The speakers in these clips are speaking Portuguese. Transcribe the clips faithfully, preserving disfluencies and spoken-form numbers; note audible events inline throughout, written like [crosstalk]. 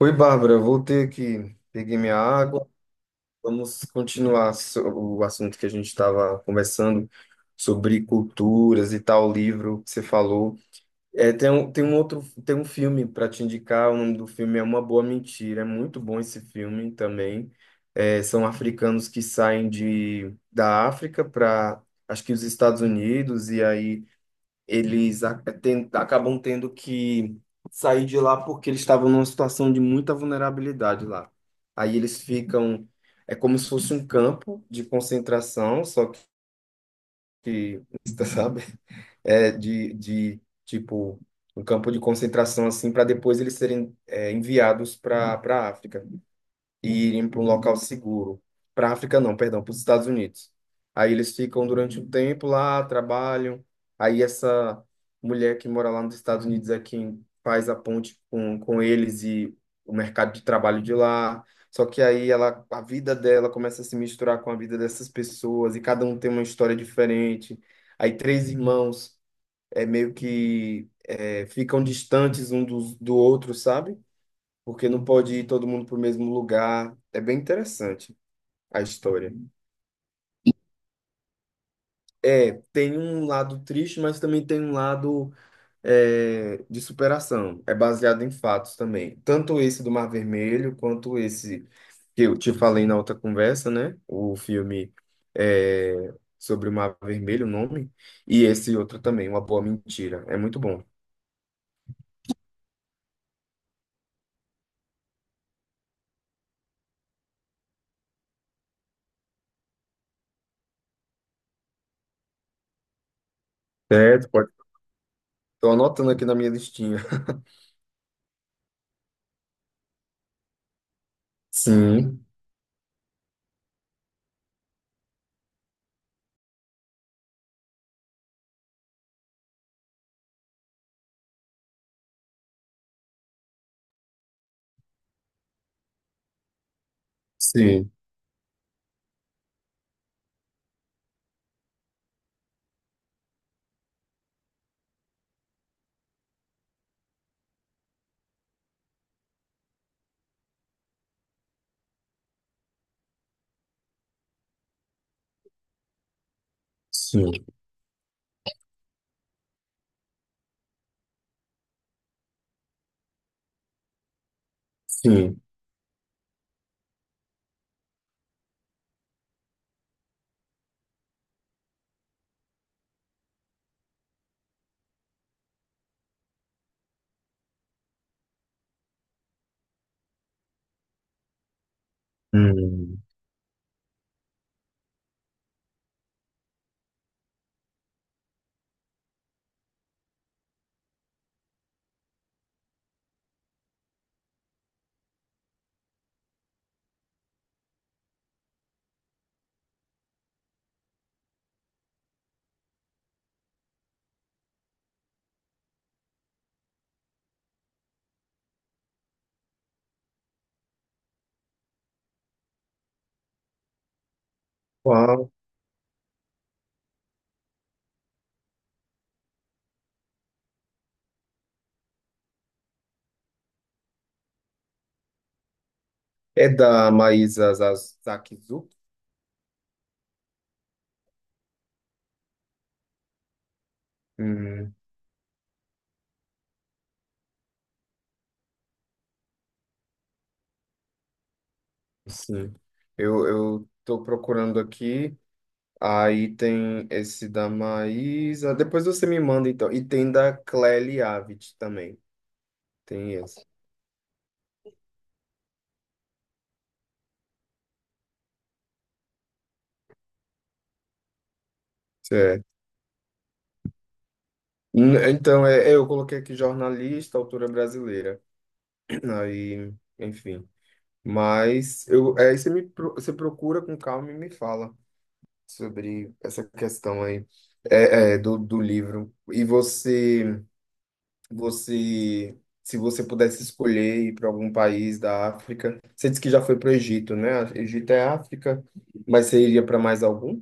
Oi, Bárbara, eu voltei aqui, peguei minha água. Vamos continuar so- o assunto que a gente estava conversando sobre culturas e tal livro que você falou. É, tem um, tem um outro, tem um filme para te indicar. O nome do filme é Uma Boa Mentira. É muito bom esse filme também. É, são africanos que saem de, da África para, acho que os Estados Unidos e aí eles a- é, ten- acabam tendo que sair de lá porque eles estavam numa situação de muita vulnerabilidade lá. Aí eles ficam, é como se fosse um campo de concentração, só que, [laughs] sabe, é de, de tipo um campo de concentração assim para depois eles serem é, enviados para para África e irem para um local seguro. Para a África, não, perdão, para os Estados Unidos. Aí eles ficam durante um tempo lá, trabalham. Aí essa mulher que mora lá nos Estados Unidos é quem faz a ponte com, com eles e o mercado de trabalho de lá. Só que aí ela, a vida dela começa a se misturar com a vida dessas pessoas e cada um tem uma história diferente. Aí três irmãos é meio que é, ficam distantes um dos, do outro, sabe? Porque não pode ir todo mundo para o mesmo lugar. É bem interessante a história. É, tem um lado triste, mas também tem um lado é, de superação. É baseado em fatos também. Tanto esse do Mar Vermelho, quanto esse que eu te falei na outra conversa, né? O filme é, sobre o Mar Vermelho, o nome. E esse outro também, Uma Boa Mentira. É muito bom. Certo, pode. Estou anotando aqui na minha listinha. [laughs] Sim, sim, sim, sim. Hum. Uau. É da Maísa Zakizuki? Hum, sim. Eu, eu tô procurando aqui. Aí tem esse da Maísa. Depois você me manda, então. E tem da Clélia Avid também. Tem esse. Certo. Hum, Então, é, é, eu coloquei aqui jornalista, autora brasileira. [clears throat] Aí, enfim. Mas eu, é você me, pro- você procura com calma e me fala sobre essa questão aí é, é, do, do livro. E você. Você, se você pudesse escolher ir para algum país da África, você disse que já foi para o Egito, né? Egito é África, mas você iria para mais algum?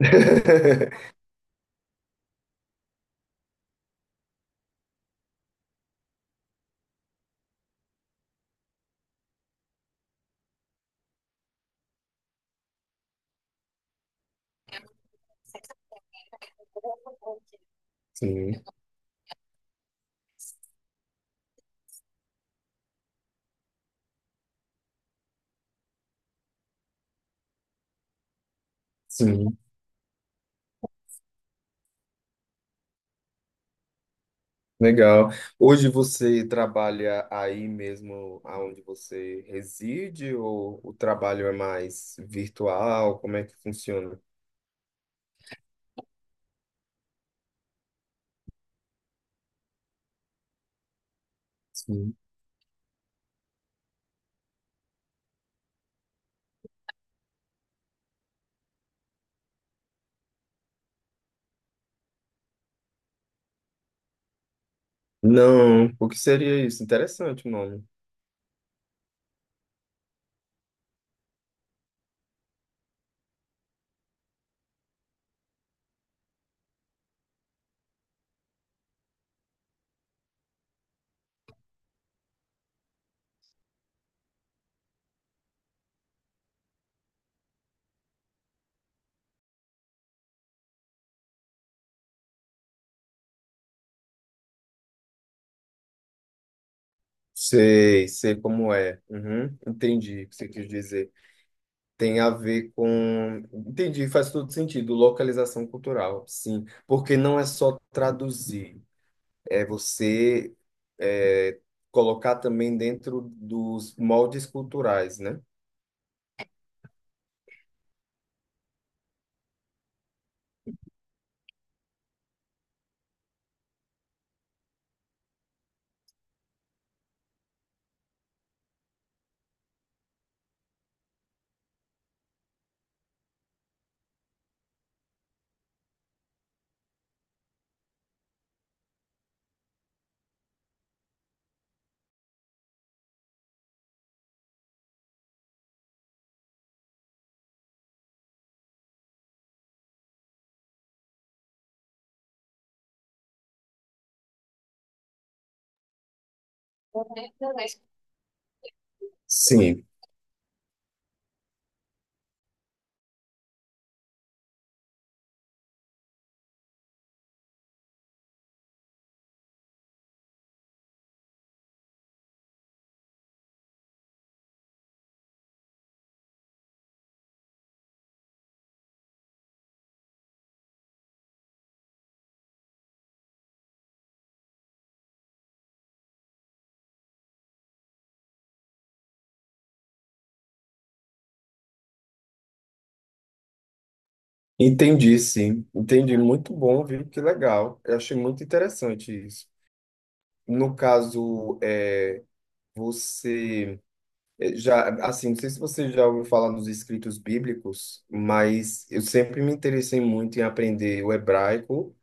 [laughs] Sim, sim, legal. Hoje você trabalha aí mesmo aonde você reside ou o trabalho é mais virtual? Como é que funciona? Sim. Não, o que seria isso? Interessante o nome. Sei, sei como é. Uhum, entendi o que você quis dizer. Tem a ver com. Entendi, faz todo sentido. Localização cultural, sim. Porque não é só traduzir, é você é, colocar também dentro dos moldes culturais, né? Sim. Entendi, sim. Entendi. Muito bom, viu? Que legal. Eu achei muito interessante isso. No caso, é, você é, já, assim, não sei se você já ouviu falar nos escritos bíblicos, mas eu sempre me interessei muito em aprender o hebraico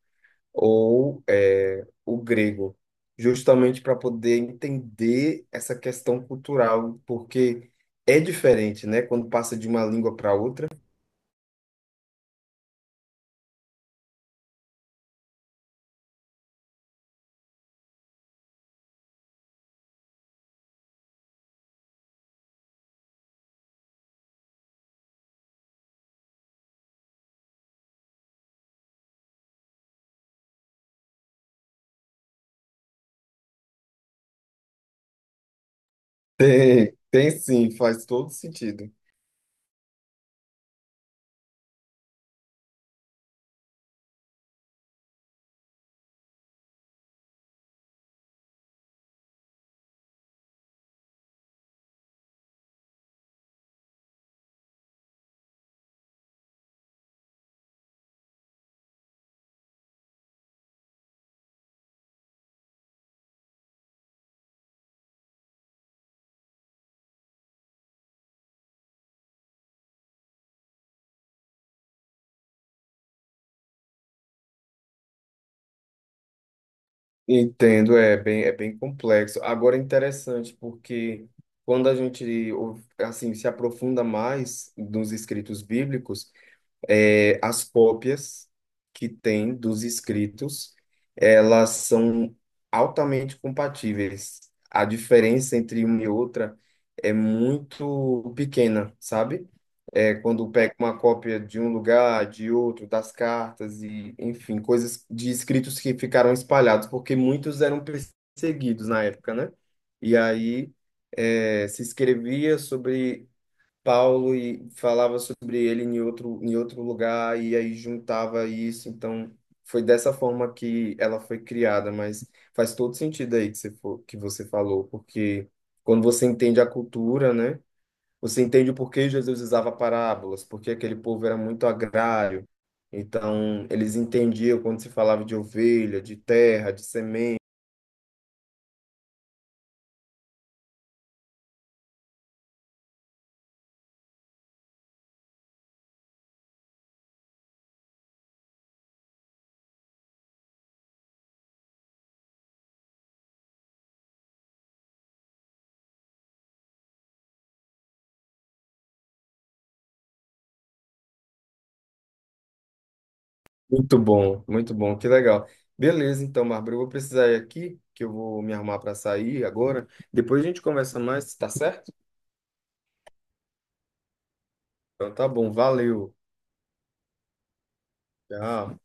ou é, o grego, justamente para poder entender essa questão cultural, porque é diferente, né? Quando passa de uma língua para outra. [laughs] Tem, tem sim, faz todo sentido. Entendo, é bem, é bem complexo. Agora é interessante, porque quando a gente ou- assim se aprofunda mais nos escritos bíblicos, é, as cópias que tem dos escritos, elas são altamente compatíveis. A diferença entre uma e outra é muito pequena, sabe? É, quando pega uma cópia de um lugar, de outro, das cartas e, enfim, coisas de escritos que ficaram espalhados, porque muitos eram perseguidos na época, né? E aí, é, se escrevia sobre Paulo e falava sobre ele em outro, em outro lugar e aí juntava isso. Então, foi dessa forma que ela foi criada, mas faz todo sentido aí que você, for, que você falou, porque quando você entende a cultura, né? Você entende o porquê Jesus usava parábolas, porque aquele povo era muito agrário. Então, eles entendiam quando se falava de ovelha, de terra, de semente. Muito bom, muito bom, que legal. Beleza, então, Bárbara, eu vou precisar ir aqui, que eu vou me arrumar para sair agora. Depois a gente conversa mais, tá certo? Então tá bom, valeu. Tchau.